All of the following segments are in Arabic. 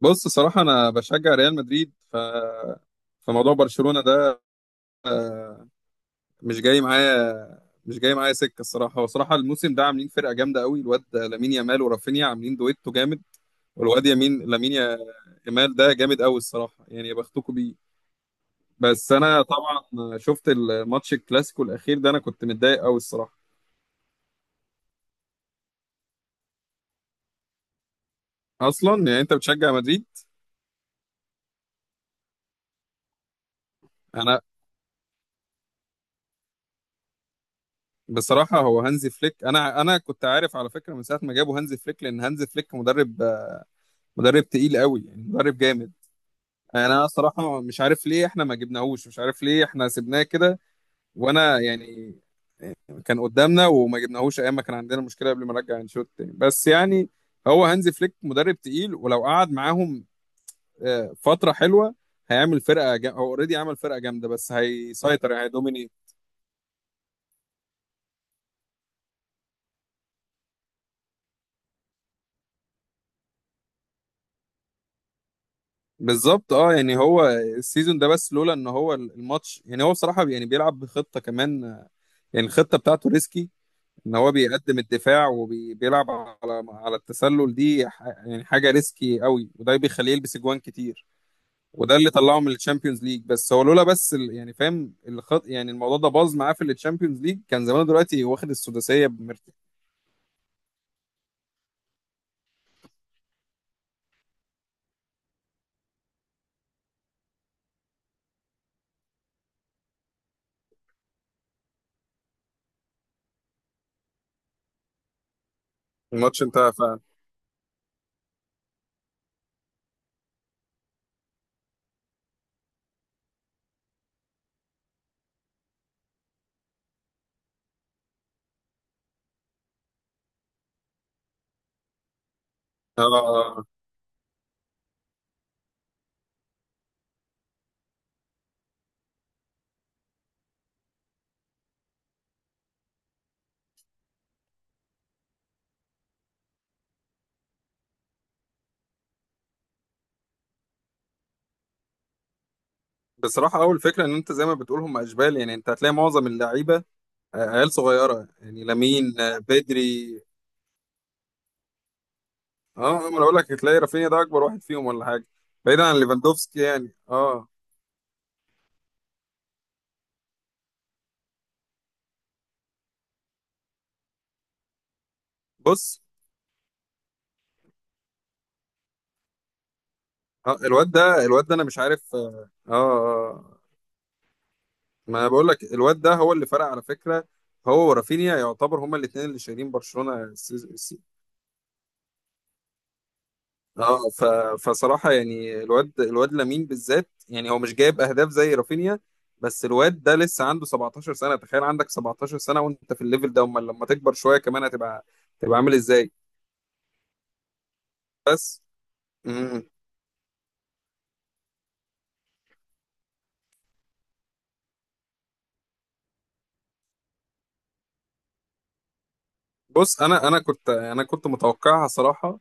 بص، صراحة أنا بشجع ريال مدريد، فموضوع برشلونة ده، آه، مش جاي معايا مش جاي معايا سكة الصراحة. هو صراحة الموسم ده عاملين فرقة جامدة قوي. الواد لامين يامال ورافينيا عاملين دويتو جامد. والواد لامين يامال ده جامد قوي الصراحة، يعني يا بختكوا بيه. بس أنا طبعا شفت الماتش الكلاسيكو الأخير ده، أنا كنت متضايق قوي الصراحة. أصلا يعني أنت بتشجع مدريد. أنا بصراحة هو هانزي فليك، أنا كنت عارف على فكرة من ساعة ما جابوا هانزي فليك، لأن هانزي فليك مدرب تقيل قوي، يعني مدرب جامد. يعني انا صراحه مش عارف ليه احنا ما جبناهوش، مش عارف ليه احنا سيبناه كده. وانا يعني كان قدامنا وما جبناهوش ايام ما كان عندنا مشكله قبل ما نرجع انشيلوتي تاني، بس يعني هو هانزي فليك مدرب تقيل، ولو قعد معاهم فتره حلوه هيعمل فرقه هو اوريدي عمل فرقه جامده، بس هيسيطر يعني هيدومينيت. بالظبط اه، يعني هو السيزون ده، بس لولا ان هو الماتش يعني، هو بصراحه يعني بيلعب بخطه كمان، يعني الخطه بتاعته ريسكي، ان هو بيقدم الدفاع وبيلعب على التسلل. دي يعني حاجه ريسكي قوي، وده بيخليه يلبس اجوان كتير، وده اللي طلعه من الشامبيونز ليج. بس هو لولا بس يعني فاهم الخط، يعني الموضوع ده باظ معاه في الشامبيونز ليج، كان زمانه دلوقتي واخد السداسيه بمرتاح. الماتش انتهى فعلا. آه، بصراحه اول فكره ان انت زي ما بتقول هم اشبال، يعني انت هتلاقي معظم اللعيبه عيال صغيره، يعني لامين بدري. اه، ما انا بقول لك هتلاقي رافينيا ده اكبر واحد فيهم ولا حاجه. بعيدا عن ليفاندوفسكي يعني اه. بص اه، الواد ده انا مش عارف ما انا بقول لك الواد ده هو اللي فرق على فكره. هو ورافينيا يعتبر هما الاثنين اللي شايلين برشلونه اه فصراحه يعني الواد لامين بالذات، يعني هو مش جايب اهداف زي رافينيا. بس الواد ده لسه عنده 17 سنه، تخيل عندك 17 سنه وانت في الليفل ده. امال لما تكبر شويه كمان هتبقى عامل ازاي. بس مم. بص انا كنت متوقعها صراحه،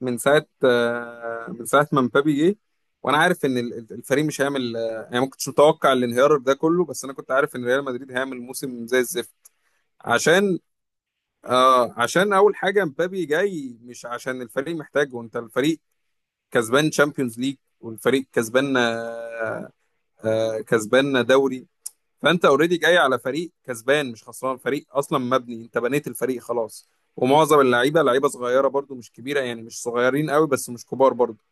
من ساعه ما مبابي جه، وانا عارف ان الفريق مش هيعمل، يعني ما كنتش متوقع الانهيار ده كله، بس انا كنت عارف ان ريال مدريد هيعمل موسم زي الزفت. عشان عشان اول حاجه مبابي جاي مش عشان الفريق محتاجه. وانت الفريق كسبان تشامبيونز ليج، والفريق كسبان آه آه كسبان دوري. فانت اوريدي جاي على فريق كسبان، مش خسران. فريق اصلا مبني، انت بنيت الفريق خلاص. ومعظم اللعيبه لعيبه صغيره برضو، مش كبيره، يعني مش صغيرين قوي بس مش كبار برضو،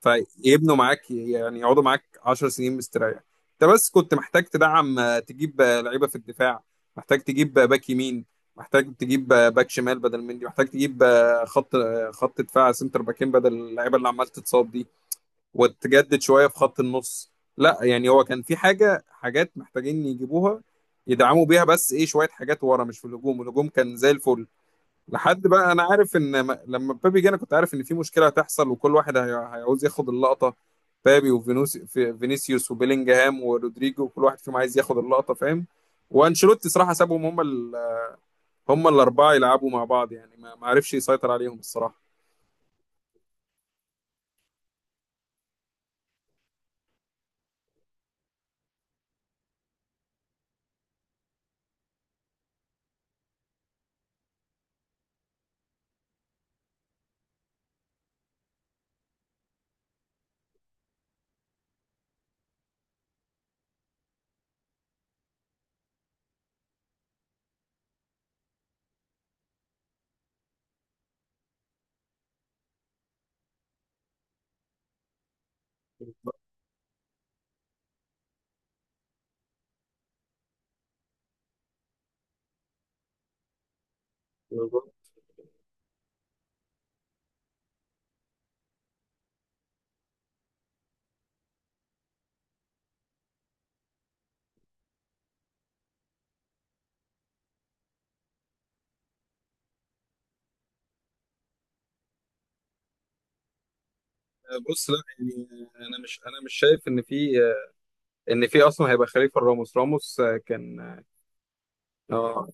فيبنوا معاك. يعني يقعدوا معاك 10 سنين مستريح. انت بس كنت محتاج تدعم، تجيب لعيبه في الدفاع، محتاج تجيب باك يمين، محتاج تجيب باك شمال بدل مندي، محتاج تجيب خط خط دفاع سنتر باكين بدل اللعيبه اللي عمال تتصاب دي، وتجدد شويه في خط النص. لا يعني هو كان في حاجه، حاجات محتاجين يجيبوها، يدعموا بيها. بس ايه، شويه حاجات ورا مش في الهجوم، الهجوم كان زي الفل. لحد بقى، انا عارف ان لما مبابي جه انا كنت عارف ان في مشكله هتحصل، وكل واحد هيعوز ياخد اللقطه. مبابي فينيسيوس وبيلينجهام ورودريجو كل واحد فيهم عايز ياخد اللقطه، فاهم. وانشيلوتي صراحه سابهم هم الاربعه يلعبوا مع بعض، يعني ما عرفش يسيطر عليهم الصراحه. بص، لا يعني انا مش شايف ان في اصلا هيبقى خليفه راموس. راموس كان. اه،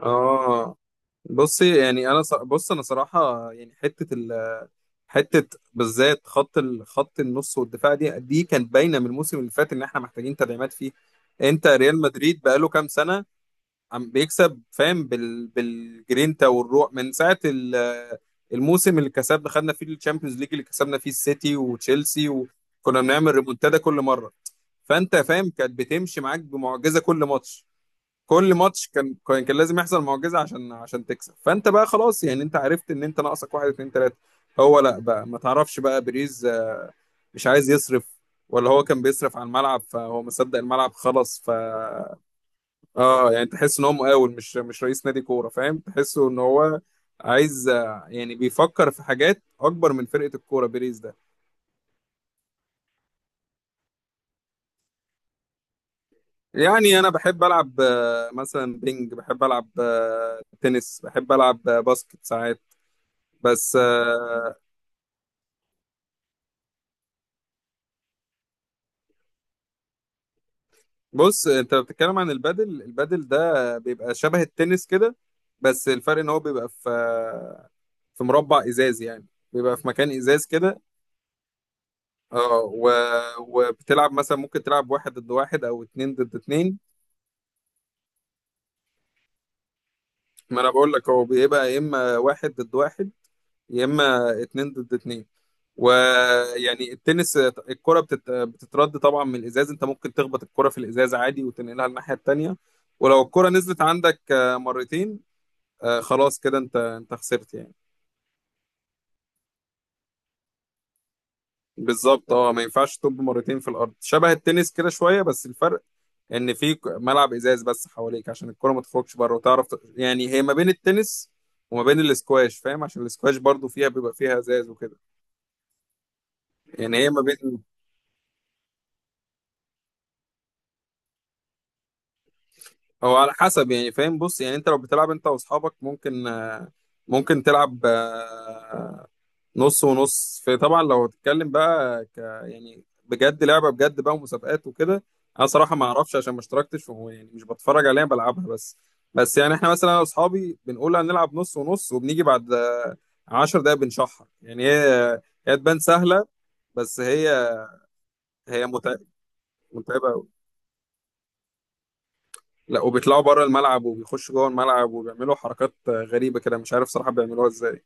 اه، بصي يعني انا بص انا صراحه يعني حته حته بالذات خط خط النص والدفاع، دي كانت باينه من الموسم اللي فات ان احنا محتاجين تدعيمات فيه. انت ريال مدريد بقاله كام سنه عم بيكسب، فاهم. بالجرينتا والروح، من ساعه الموسم اللي كسبنا خدنا فيه الشامبيونز ليج، اللي كسبنا فيه السيتي وتشيلسي، وكنا بنعمل ريمونتادا كل مره. فانت فاهم، كانت بتمشي معاك بمعجزه كل ماتش. كل ماتش كان كان لازم يحصل معجزه عشان تكسب. فانت بقى خلاص يعني انت عرفت ان انت ناقصك واحد اتنين تلاته. هو لا بقى ما تعرفش بقى، بيريز مش عايز يصرف، ولا هو كان بيصرف على الملعب فهو مصدق الملعب خلص اه، يعني تحس ان هو مقاول، مش رئيس نادي كوره، فاهم. تحسه ان هو عايز، يعني بيفكر في حاجات اكبر من فرقه الكوره بيريز ده. يعني انا بحب العب مثلا بينج، بحب العب تنس، بحب العب باسكت ساعات. بس بص، انت لو بتتكلم عن البادل، البادل ده بيبقى شبه التنس كده، بس الفرق ان هو بيبقى في مربع ازاز، يعني بيبقى في مكان ازاز كده. اه وبتلعب مثلا، ممكن تلعب واحد ضد واحد او اتنين ضد اتنين. ما انا بقول لك هو بيبقى يا اما واحد ضد واحد، يا اما اتنين ضد اتنين. ويعني التنس الكرة بتترد طبعا من الازاز، انت ممكن تخبط الكرة في الازاز عادي وتنقلها الناحية التانية. ولو الكرة نزلت عندك مرتين، آه، خلاص كده انت خسرت يعني. بالظبط اه، ما ينفعش تطب مرتين في الارض. شبه التنس كده شويه، بس الفرق ان في ملعب ازاز بس حواليك عشان الكره ما تخرجش بره، وتعرف يعني هي ما بين التنس وما بين الاسكواش، فاهم. عشان الاسكواش برضو فيها، بيبقى فيها ازاز وكده، يعني هي ما بين. هو على حسب يعني، فاهم، بص يعني انت لو بتلعب انت واصحابك ممكن تلعب نص ونص. في طبعا، لو تتكلم بقى يعني بجد لعبة بجد بقى ومسابقات وكده. انا صراحة ما اعرفش عشان ما اشتركتش يعني مش بتفرج عليها، بلعبها بس. بس يعني احنا مثلا انا واصحابي بنقول هنلعب نص ونص، وبنيجي بعد عشر دقايق بنشحر، يعني هي تبان سهلة. بس هي متعبة. لا وبيطلعوا بره الملعب وبيخشوا جوه الملعب، وبيعملوا حركات غريبة كده مش عارف صراحة بيعملوها ازاي.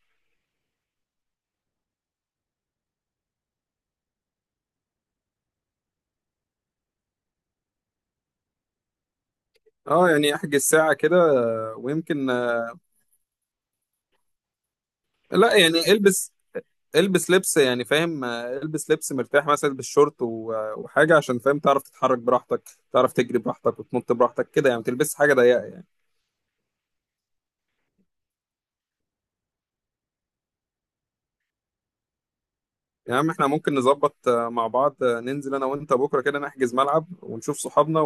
اه يعني احجز ساعة كده ويمكن. لا يعني البس لبس يعني، فاهم. البس لبس مرتاح، مثلا البس شورت وحاجة عشان، فاهم، تعرف تتحرك براحتك، تعرف تجري براحتك وتنط براحتك كده. يعني ما تلبس حاجة ضيقة يعني. يا عم احنا ممكن نظبط مع بعض، ننزل انا وانت بكرة كده نحجز ملعب ونشوف صحابنا.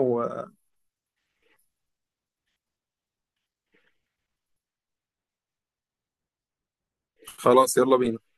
وخلاص يلا بينا.